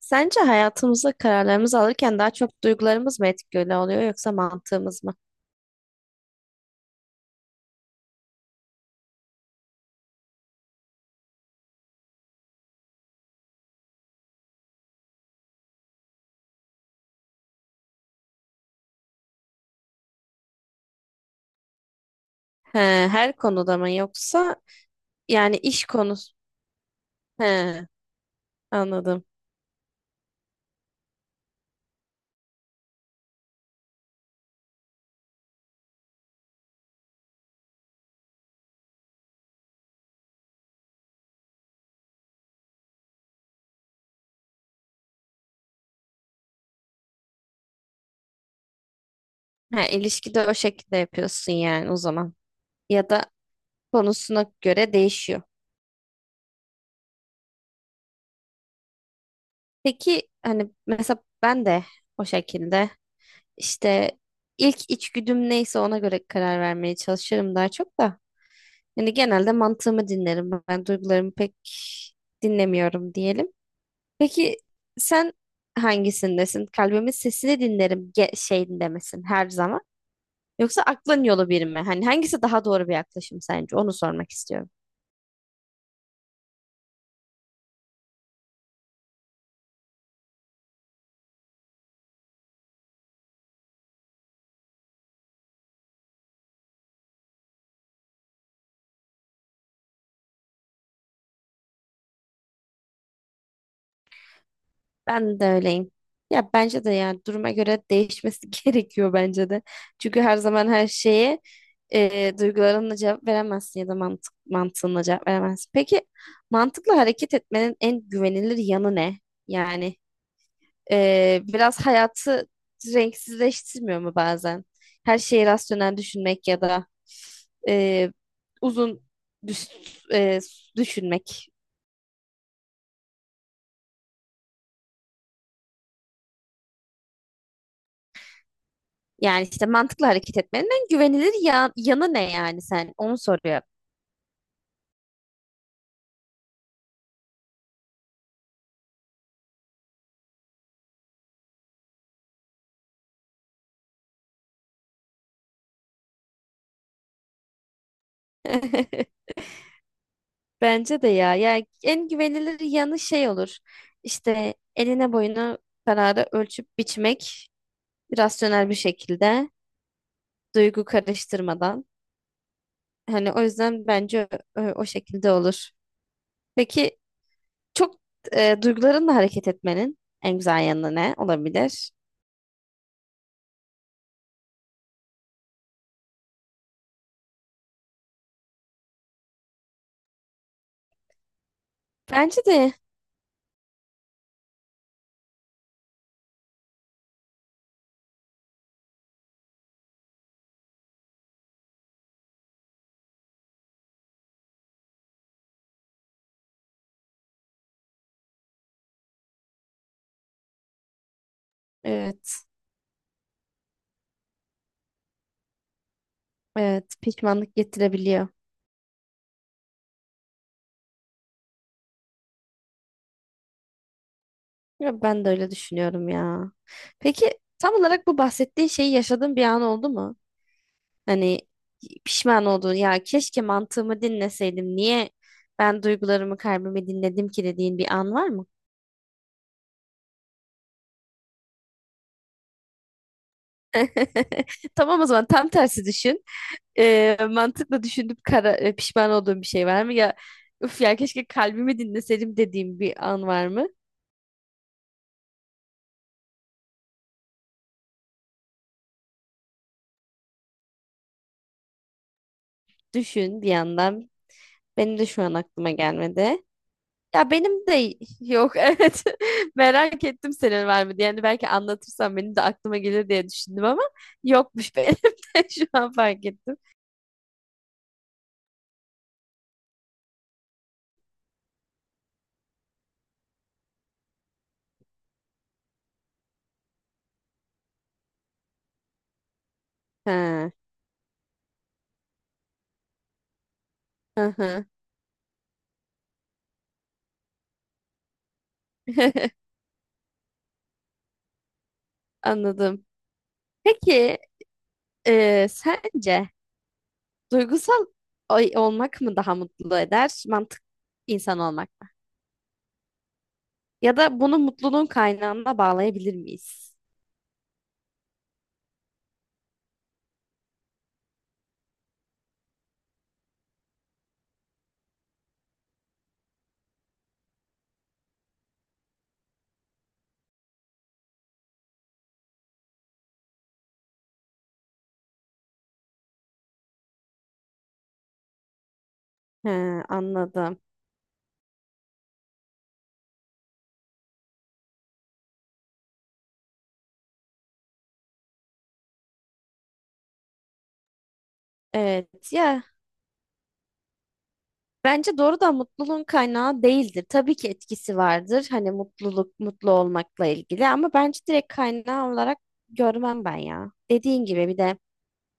Sence hayatımızda kararlarımızı alırken daha çok duygularımız mı etkili oluyor yoksa mantığımız mı? He, her konuda mı yoksa yani iş konusu? He, anladım. He, ilişkide o şekilde yapıyorsun yani o zaman. Ya da konusuna göre değişiyor. Peki hani mesela ben de o şekilde işte ilk içgüdüm neyse ona göre karar vermeye çalışırım daha çok da. Yani genelde mantığımı dinlerim. Ben duygularımı pek dinlemiyorum diyelim. Peki sen hangisindesin? Kalbimin sesini dinlerim ge şeyinde misin her zaman? Yoksa aklın yolu bir mi? Hani hangisi daha doğru bir yaklaşım sence? Onu sormak istiyorum. Ben de öyleyim. Ya bence de yani duruma göre değişmesi gerekiyor bence de. Çünkü her zaman her şeye duygularınla cevap veremezsin ya da mantık, mantığınla cevap veremezsin. Peki mantıkla hareket etmenin en güvenilir yanı ne? Yani biraz hayatı renksizleştirmiyor mu bazen? Her şeyi rasyonel düşünmek ya da e, uzun düş- e, düşünmek. Yani işte mantıklı hareket etmenin güvenilir yanı ne yani sen? Onu soruyor. Bence de ya. Yani en güvenilir yanı şey olur. İşte eline boyuna kararı ölçüp biçmek rasyonel bir şekilde duygu karıştırmadan. Hani o yüzden bence o şekilde olur. Peki çok duygularınla hareket etmenin en güzel yanı ne olabilir? Bence de evet. Evet, pişmanlık getirebiliyor. Ya ben de öyle düşünüyorum ya. Peki tam olarak bu bahsettiğin şeyi yaşadığın bir an oldu mu? Hani pişman olduğun ya keşke mantığımı dinleseydim. Niye ben duygularımı kalbimi dinledim ki dediğin bir an var mı? Tamam o zaman tam tersi düşün. Mantıkla düşünüp kara, pişman olduğun bir şey var mı? Ya üf ya keşke kalbimi dinleseydim dediğim bir an var mı? Düşün bir yandan. Benim de şu an aklıma gelmedi. Ya benim de yok evet. Merak ettim senin var mı diye. Yani belki anlatırsan benim de aklıma gelir diye düşündüm ama yokmuş benim de şu an fark ettim. Ha, hı hı. Anladım. Peki sence duygusal olmak mı daha mutlu eder, mantık insan olmak mı? Ya da bunu mutluluğun kaynağına bağlayabilir miyiz? Ha, anladım. Evet ya, bence doğrudan mutluluğun kaynağı değildir. Tabii ki etkisi vardır. Hani mutluluk, mutlu olmakla ilgili ama bence direkt kaynağı olarak görmem ben ya. Dediğin gibi bir de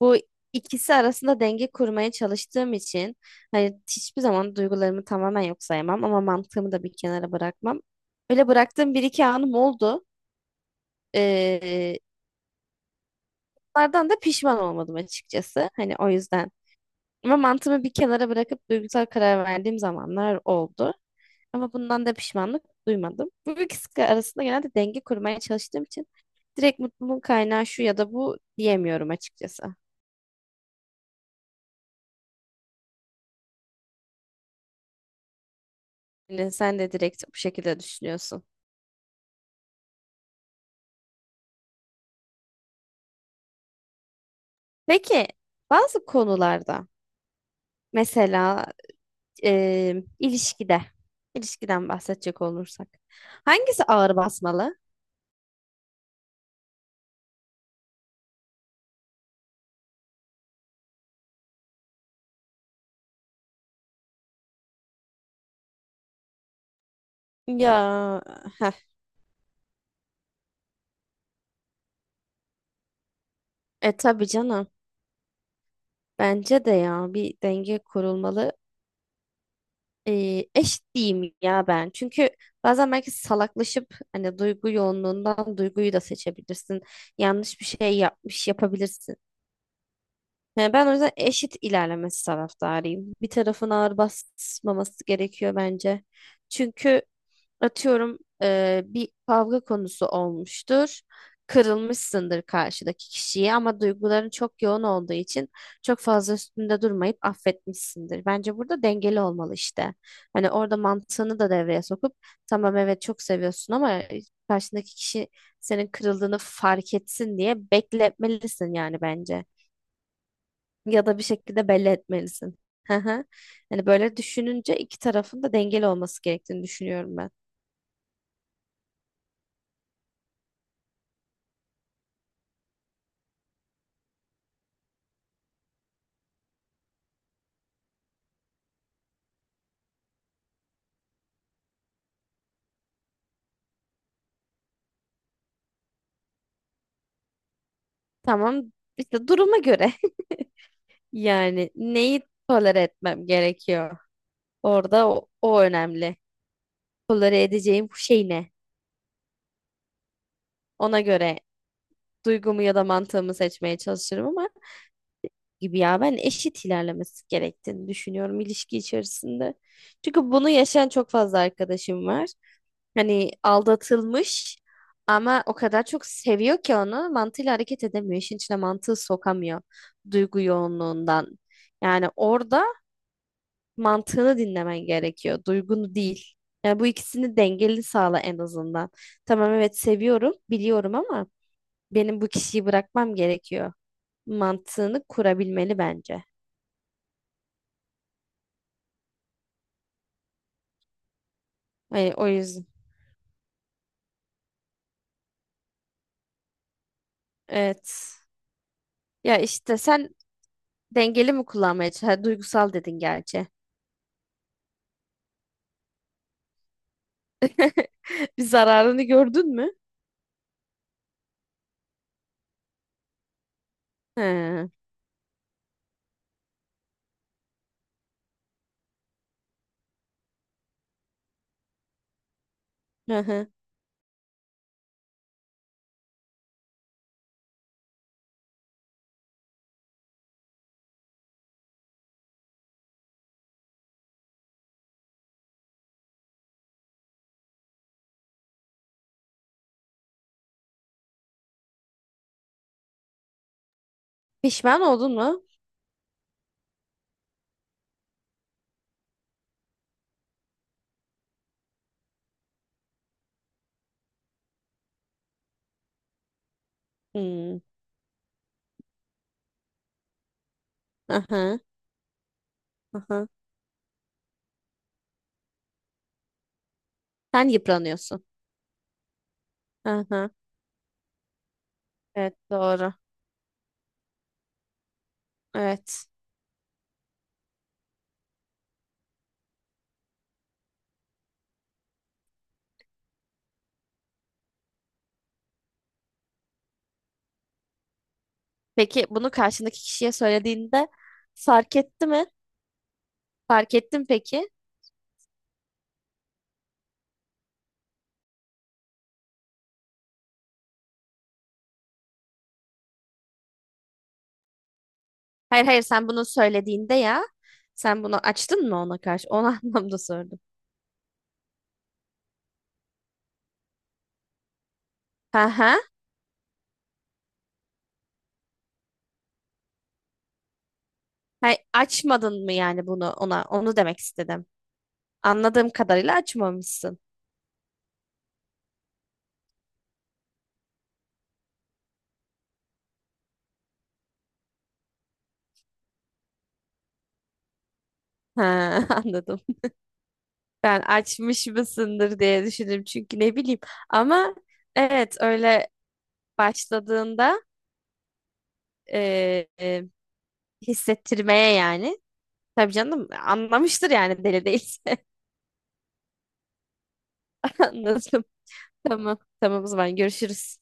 bu ikisi arasında denge kurmaya çalıştığım için hani hiçbir zaman duygularımı tamamen yok sayamam ama mantığımı da bir kenara bırakmam. Öyle bıraktığım bir iki anım oldu. Ee, bunlardan da pişman olmadım açıkçası. Hani o yüzden. Ama mantığımı bir kenara bırakıp duygusal karar verdiğim zamanlar oldu. Ama bundan da pişmanlık duymadım. Bu ikisi arasında genelde denge kurmaya çalıştığım için direkt mutluluğun kaynağı şu ya da bu diyemiyorum açıkçası. Yani sen de direkt bu şekilde düşünüyorsun. Peki bazı konularda mesela ilişkide, ilişkiden bahsedecek olursak hangisi ağır basmalı? Ya heh, e tabii canım. Bence de ya bir denge kurulmalı, eş diyeyim ya ben. Çünkü bazen belki salaklaşıp hani duygu yoğunluğundan duyguyu da seçebilirsin. Yanlış bir şey yapmış yapabilirsin. Yani ben o yüzden eşit ilerlemesi taraftarıyım. Bir tarafın ağır basmaması gerekiyor bence. Çünkü atıyorum bir kavga konusu olmuştur. Kırılmışsındır karşıdaki kişiyi ama duyguların çok yoğun olduğu için çok fazla üstünde durmayıp affetmişsindir. Bence burada dengeli olmalı işte. Hani orada mantığını da devreye sokup tamam evet çok seviyorsun ama karşındaki kişi senin kırıldığını fark etsin diye bekletmelisin yani bence. Ya da bir şekilde belli etmelisin. Hı hı. Hani böyle düşününce iki tarafın da dengeli olması gerektiğini düşünüyorum ben. Tamam işte duruma göre yani neyi tolere etmem gerekiyor? Orada o önemli. Tolere edeceğim şey ne? Ona göre duygumu ya da mantığımı seçmeye çalışırım ama gibi ya ben eşit ilerlemesi gerektiğini düşünüyorum ilişki içerisinde. Çünkü bunu yaşayan çok fazla arkadaşım var. Hani aldatılmış ama o kadar çok seviyor ki onu mantığıyla hareket edemiyor. İşin içine mantığı sokamıyor duygu yoğunluğundan. Yani orada mantığını dinlemen gerekiyor, duygunu değil. Yani bu ikisini dengeli sağla en azından. Tamam evet seviyorum, biliyorum ama benim bu kişiyi bırakmam gerekiyor. Mantığını kurabilmeli bence. Yani o yüzden. Evet. Ya işte sen dengeli mi kullanmaya çalışıyorsun? Duygusal dedin gerçi. Bir zararını gördün mü? He. Hı hı. Pişman oldun mu? Hmm. Aha. Aha. Sen yıpranıyorsun. Aha. Evet doğru. Evet. Peki bunu karşındaki kişiye söylediğinde fark etti mi? Fark ettin peki? Hayır hayır, sen bunu söylediğinde ya sen bunu açtın mı ona karşı? O anlamda sordum. Ha ha. Hayır, açmadın mı yani bunu ona? Onu demek istedim. Anladığım kadarıyla açmamışsın. Ha anladım. Ben açmış mısındır diye düşündüm çünkü ne bileyim. Ama evet öyle başladığında e, e, hissettirmeye yani. Tabii canım anlamıştır yani deli değil. Anladım. Tamam. Tamam o zaman görüşürüz.